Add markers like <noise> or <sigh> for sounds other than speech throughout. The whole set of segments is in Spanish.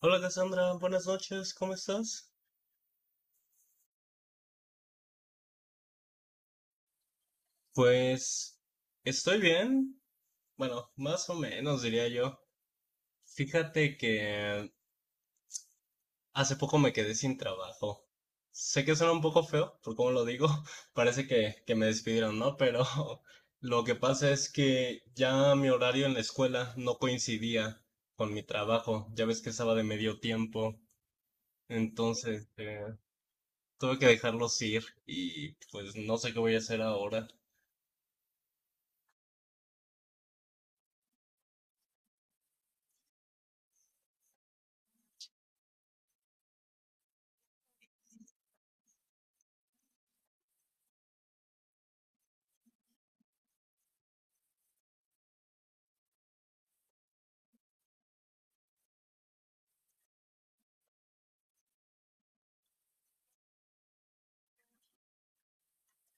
Hola Cassandra, buenas noches, ¿cómo estás? Pues estoy bien, bueno, más o menos diría yo. Fíjate que hace poco me quedé sin trabajo. Sé que suena un poco feo, por cómo lo digo, <laughs> parece que me despidieron, ¿no? Pero <laughs> lo que pasa es que ya mi horario en la escuela no coincidía con mi trabajo, ya ves que estaba de medio tiempo, entonces tuve que dejarlos ir y pues no sé qué voy a hacer ahora.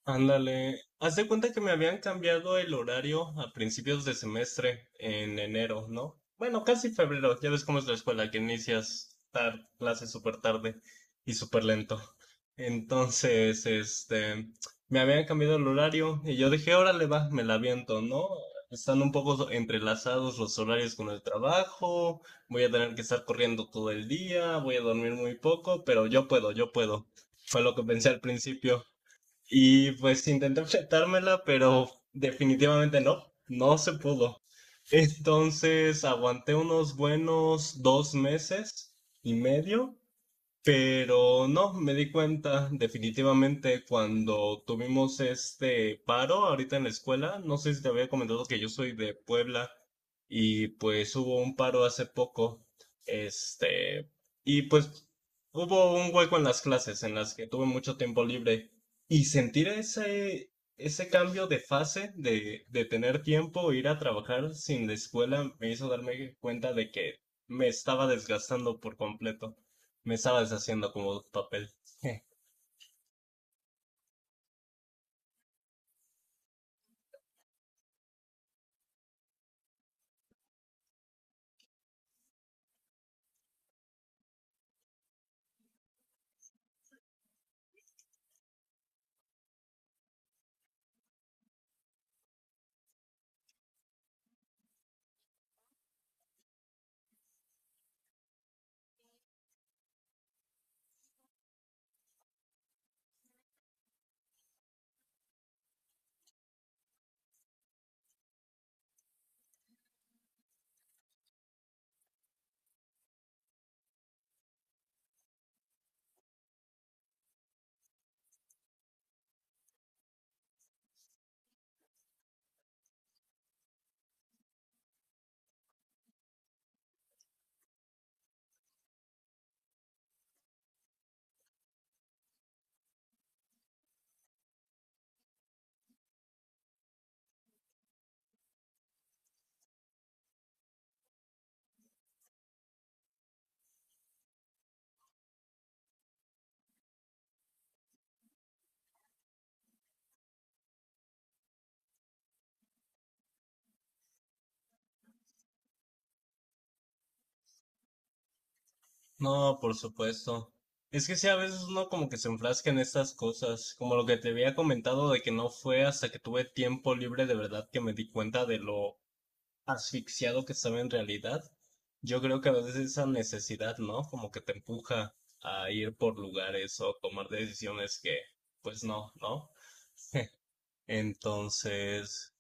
Ándale, haz de cuenta que me habían cambiado el horario a principios de semestre, en enero, ¿no? Bueno, casi febrero, ya ves cómo es la escuela, que inicias tarde, clases súper tarde y súper lento. Entonces, me habían cambiado el horario y yo dije, órale, va, me la aviento, ¿no? Están un poco entrelazados los horarios con el trabajo, voy a tener que estar corriendo todo el día, voy a dormir muy poco, pero yo puedo, yo puedo. Fue lo que pensé al principio. Y pues intenté enfrentármela, pero definitivamente no, no se pudo. Entonces aguanté unos buenos dos meses y medio, pero no, me di cuenta definitivamente cuando tuvimos este paro ahorita en la escuela. No sé si te había comentado que yo soy de Puebla y pues hubo un paro hace poco. Este, y pues hubo un hueco en las clases en las que tuve mucho tiempo libre y sentir ese cambio de fase de tener tiempo, ir a trabajar sin la escuela, me hizo darme cuenta de que me estaba desgastando por completo. Me estaba deshaciendo como papel. <laughs> No, por supuesto. Es que sí, a veces uno como que se enfrasca en estas cosas, como lo que te había comentado de que no fue hasta que tuve tiempo libre de verdad que me di cuenta de lo asfixiado que estaba en realidad. Yo creo que a veces esa necesidad, ¿no? Como que te empuja a ir por lugares o tomar decisiones que, pues no, ¿no? Entonces,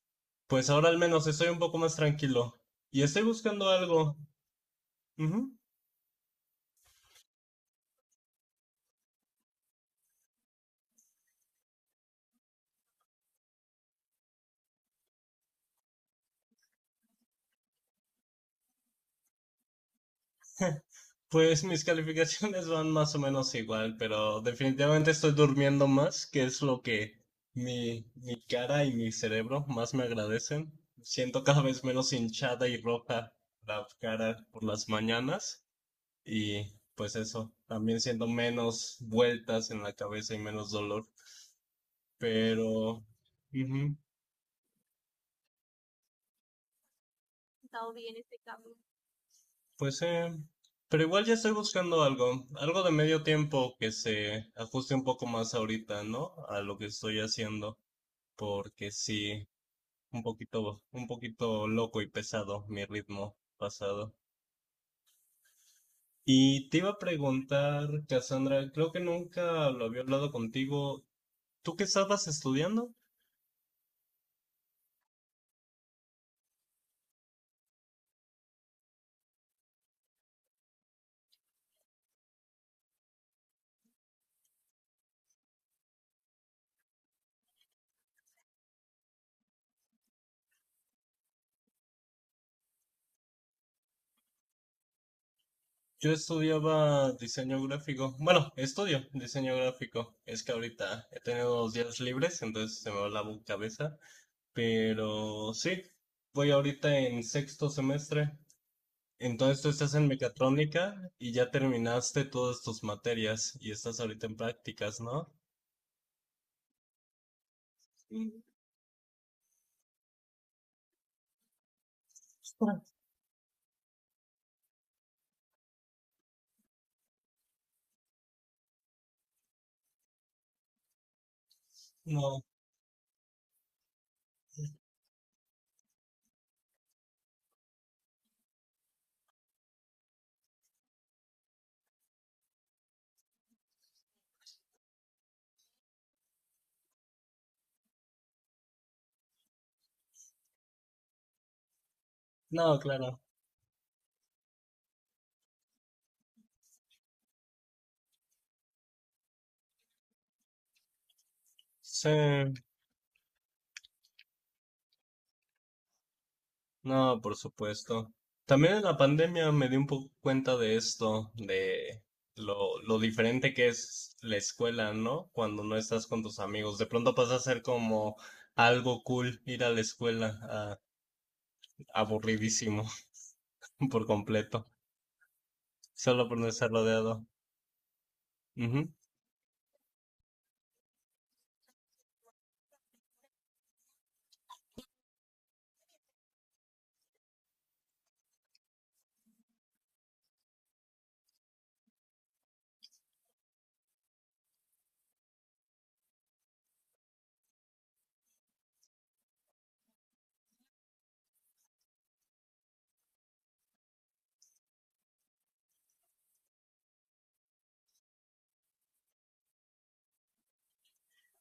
pues ahora al menos estoy un poco más tranquilo y estoy buscando algo. Ujú. Pues mis calificaciones van más o menos igual, pero definitivamente estoy durmiendo más, que es lo que mi cara y mi cerebro más me agradecen. Siento cada vez menos hinchada y roja la cara por las mañanas y pues eso, también siento menos vueltas en la cabeza y menos dolor, pero ujú, pues pero igual ya estoy buscando algo, algo de medio tiempo que se ajuste un poco más ahorita, ¿no? A lo que estoy haciendo. Porque sí, un poquito loco y pesado mi ritmo pasado. Y te iba a preguntar, Cassandra, creo que nunca lo había hablado contigo. ¿Tú qué estabas estudiando? Yo estudiaba diseño gráfico. Bueno, estudio diseño gráfico. Es que ahorita he tenido dos días libres, entonces se me va la cabeza. Pero sí, voy ahorita en sexto semestre. Entonces tú estás en mecatrónica y ya terminaste todas tus materias y estás ahorita en prácticas, ¿no? Mm, ah, no, no, claro. Sí, no, por supuesto. También en la pandemia me di un poco cuenta de esto, de lo diferente que es la escuela, ¿no? Cuando no estás con tus amigos. De pronto pasa a ser como algo cool ir a la escuela, aburridísimo <laughs> por completo, solo por no estar rodeado.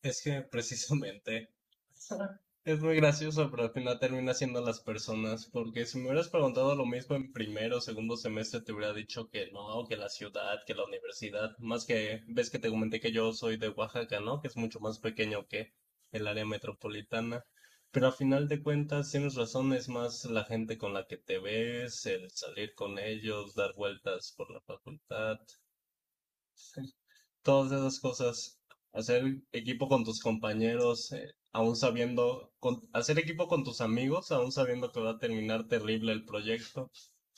Es que precisamente <laughs> es muy gracioso, pero al final termina siendo las personas, porque si me hubieras preguntado lo mismo en primero o segundo semestre, te hubiera dicho que no, que la ciudad, que la universidad, más que ves que te comenté que yo soy de Oaxaca, ¿no? Que es mucho más pequeño que el área metropolitana. Pero al final de cuentas, tienes razón, es más la gente con la que te ves, el salir con ellos, dar vueltas por la facultad, todas esas cosas, hacer equipo con tus compañeros, aún sabiendo, hacer equipo con tus amigos, aún sabiendo que va a terminar terrible el proyecto.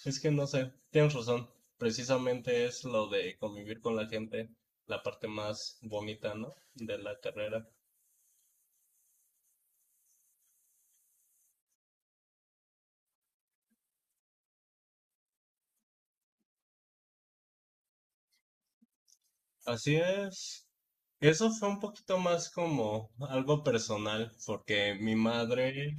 Es que no sé, tienes razón, precisamente es lo de convivir con la gente, la parte más bonita, ¿no? De la carrera. Así es. Eso fue un poquito más como algo personal, porque mi madre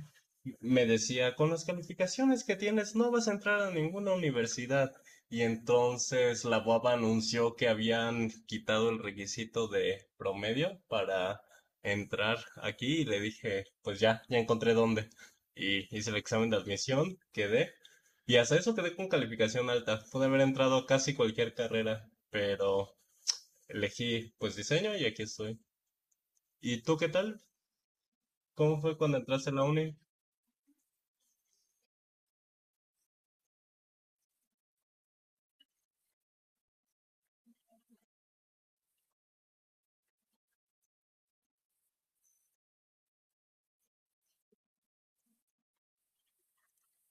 me decía, con las calificaciones que tienes no vas a entrar a ninguna universidad. Y entonces la UABA anunció que habían quitado el requisito de promedio para entrar aquí y le dije, pues ya, ya encontré dónde. Y hice el examen de admisión, quedé. Y hasta eso quedé con calificación alta. Pude haber entrado a casi cualquier carrera, pero elegí pues diseño y aquí estoy. ¿Y tú qué tal? ¿Cómo fue cuando entraste a la uni?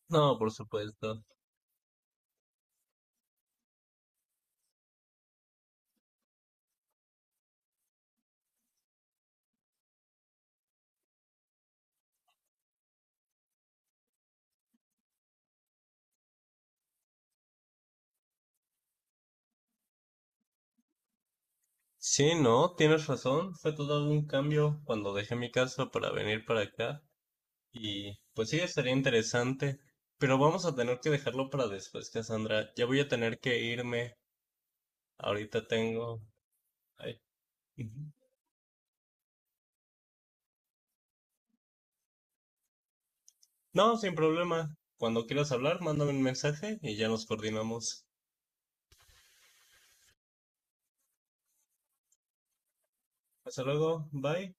No, por supuesto. Sí, no, tienes razón. Fue todo un cambio cuando dejé mi casa para venir para acá. Y pues sí, estaría interesante. Pero vamos a tener que dejarlo para después, Cassandra. Ya voy a tener que irme. Ahorita tengo... ay. <laughs> No, sin problema. Cuando quieras hablar, mándame un mensaje y ya nos coordinamos. Hasta luego. Bye.